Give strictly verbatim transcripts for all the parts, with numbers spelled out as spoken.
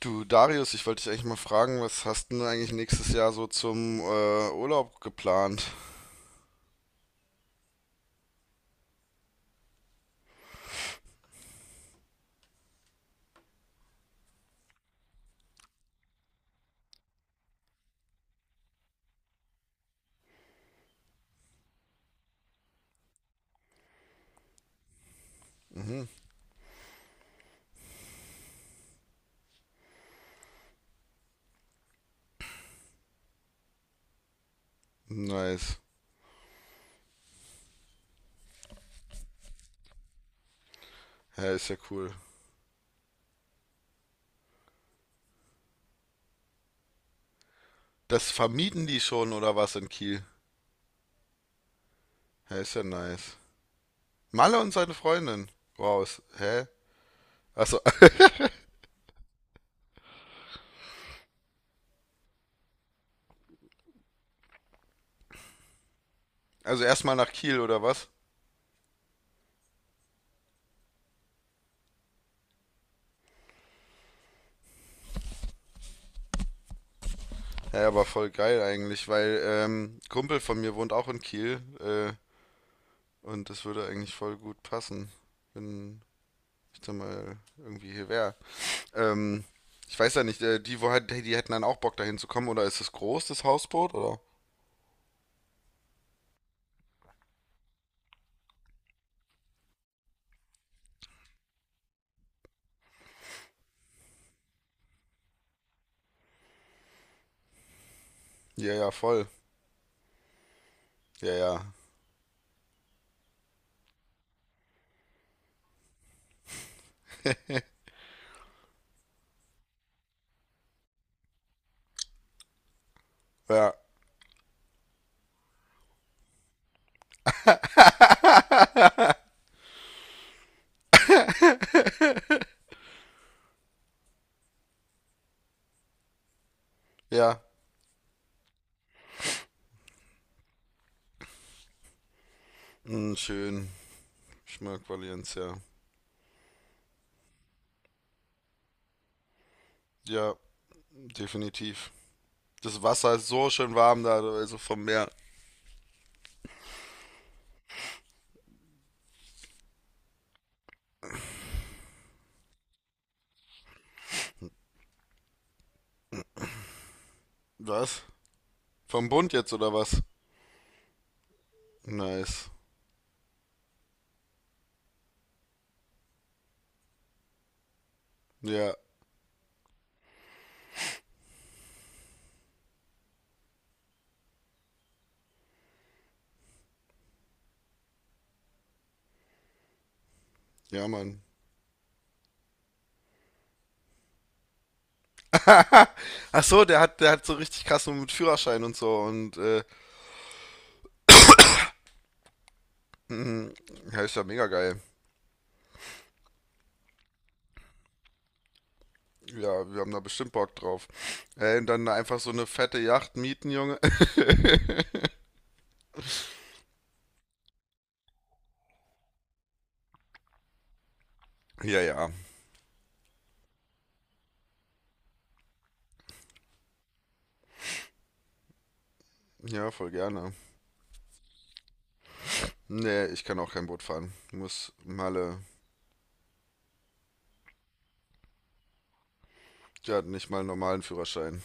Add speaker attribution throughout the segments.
Speaker 1: Du, Darius, ich wollte dich eigentlich mal fragen, was hast denn du eigentlich nächstes Jahr so zum äh, Urlaub geplant? Nice. Ja, ist ja cool. Das vermieten die schon oder was in Kiel? Ja, ist ja nice. Malle und seine Freundin. Wow, ist, hä? Achso, also erstmal nach Kiel oder was? Ja, aber voll geil eigentlich, weil ähm, Kumpel von mir wohnt auch in Kiel äh, und das würde eigentlich voll gut passen, wenn ich da mal irgendwie hier wäre. Ähm, ich weiß ja nicht, äh, die, wo halt, die hätten dann auch Bock dahin zu kommen, oder ist es groß, das Hausboot, oder? Ja, ja, voll. Ja, ja. Ja, ja. Hm, schön. Ich mag Valencia, ja. Ja, definitiv. Das Wasser ist so schön warm da, also vom Meer. Was? Vom Bund jetzt oder was? Nice. Ja, ja, Mann. Ach so, der hat, der hat so richtig krass nur mit Führerschein und so und äh, mhm. Ja, ist ja mega geil. Ja, wir haben da bestimmt Bock drauf. Ey, und dann einfach so eine fette Yacht mieten, Junge. Ja, ja. Ja, voll gerne. Nee, ich kann auch kein Boot fahren. Muss Malle. Ja, nicht mal einen normalen Führerschein.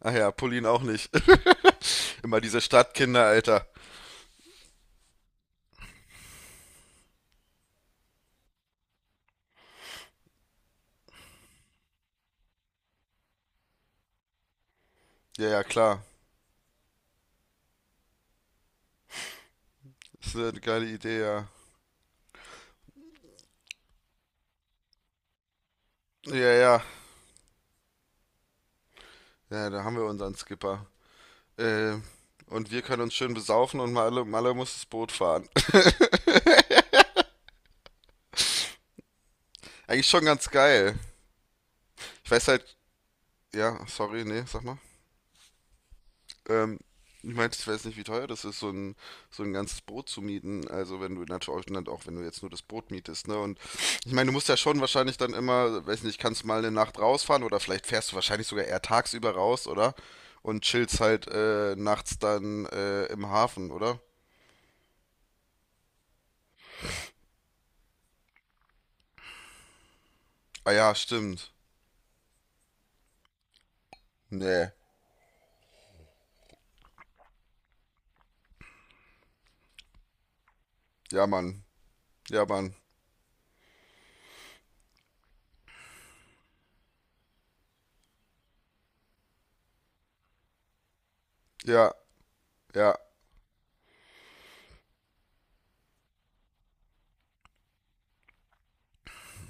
Speaker 1: Ach ja, Pauline auch nicht. Immer diese Stadtkinder, Alter. Ja, ja, klar. Ist eine geile Idee, ja. Ja, ja. Ja, da haben wir unseren Skipper. Äh, und wir können uns schön besaufen und Malle, Malle muss das Boot fahren. Eigentlich schon ganz geil. Ich weiß halt. Ja, sorry, nee, sag mal. Ähm, ich meinte, ich weiß nicht, wie teuer das ist, so ein, so ein ganzes Boot zu mieten. Also wenn du natürlich dann auch, wenn du jetzt nur das Boot mietest, ne? Und ich meine, du musst ja schon wahrscheinlich dann immer, weiß nicht, kannst mal eine Nacht rausfahren oder vielleicht fährst du wahrscheinlich sogar eher tagsüber raus, oder? Und chillst halt äh, nachts dann äh, im Hafen, oder? Ah ja, stimmt. Nee. Ja, Mann. Ja, Mann. Ja, ja.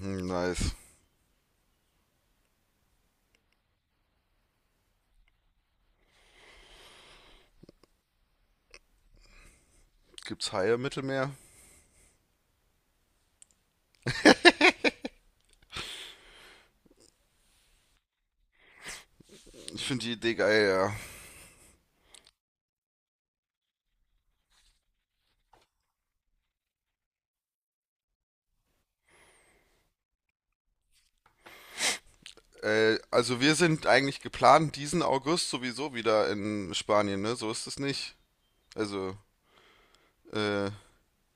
Speaker 1: Hm, nice. Gibt's Haie im Mittelmeer? Ich finde die Idee geil, ja. Äh, also wir sind eigentlich geplant, diesen August sowieso wieder in Spanien, ne? So ist es nicht. Also, äh,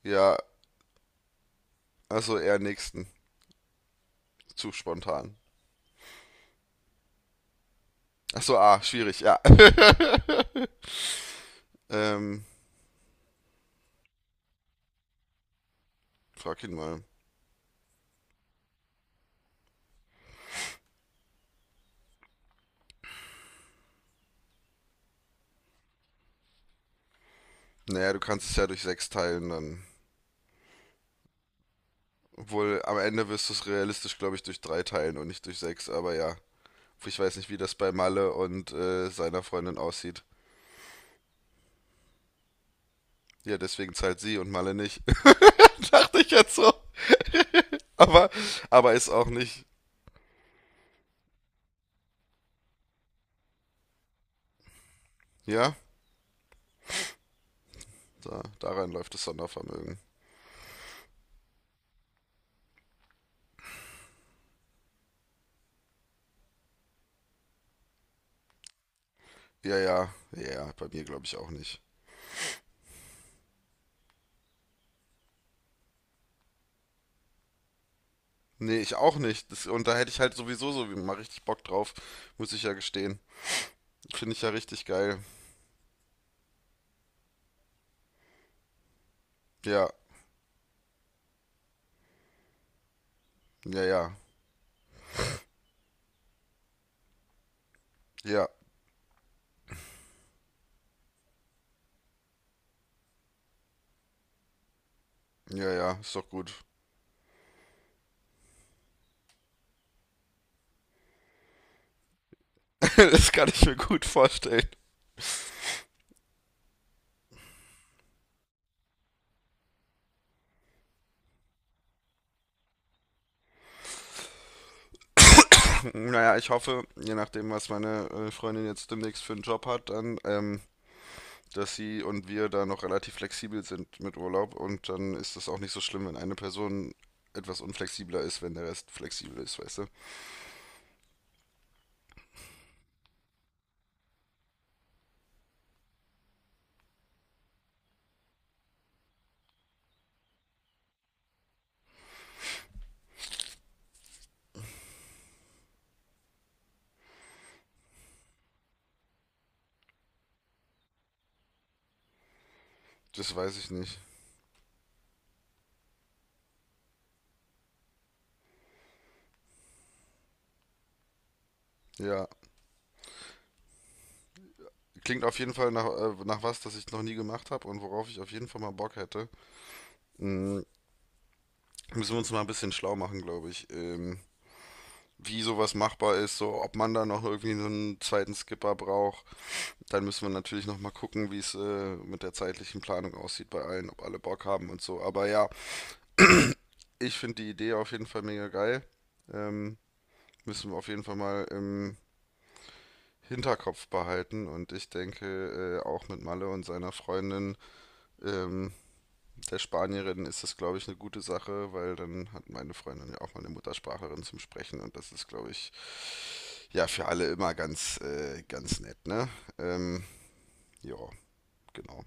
Speaker 1: ja, also eher nächsten. Zu spontan. Ach so, ah, schwierig, ja. Ähm, frag ihn mal. Naja, du kannst es ja durch sechs teilen, dann. Obwohl, am Ende wirst du es realistisch, glaube ich, durch drei teilen und nicht durch sechs, aber ja. Ich weiß nicht, wie das bei Malle und äh, seiner Freundin aussieht. Ja, deswegen zahlt sie und Malle nicht. Dachte ich jetzt so. Aber, aber ist auch nicht. Ja? Da, da rein läuft das Sondervermögen. Ja, ja, ja, ja, bei mir glaube ich auch nicht. Nee, ich auch nicht. Das, und da hätte ich halt sowieso so mal richtig Bock drauf, muss ich ja gestehen. Finde ich ja richtig geil. Ja, ja, ja, ja, ja, ja, ist doch gut. das kann ich mir gut vorstellen. Naja, ich hoffe, je nachdem, was meine äh, Freundin jetzt demnächst für einen Job hat, dann, ähm, dass sie und wir da noch relativ flexibel sind mit Urlaub und dann ist das auch nicht so schlimm, wenn eine Person etwas unflexibler ist, wenn der Rest flexibel ist, weißt du? Das weiß ich nicht. Ja, klingt auf jeden Fall nach, äh, nach was, das ich noch nie gemacht habe und worauf ich auf jeden Fall mal Bock hätte. Mm, müssen wir uns mal ein bisschen schlau machen, glaube ich. Ähm, wie sowas machbar ist, so ob man da noch irgendwie so einen zweiten Skipper braucht. Dann müssen wir natürlich noch mal gucken, wie es äh, mit der zeitlichen Planung aussieht bei allen, ob alle Bock haben und so. Aber ja, ich finde die Idee auf jeden Fall mega geil. Ähm, müssen wir auf jeden Fall mal im Hinterkopf behalten und ich denke äh, auch mit Malle und seiner Freundin ähm, der Spanierin ist das, glaube ich, eine gute Sache, weil dann hat meine Freundin ja auch mal eine Muttersprachlerin zum Sprechen und das ist, glaube ich, ja, für alle immer ganz, äh, ganz nett, ne? Ähm, ja, genau.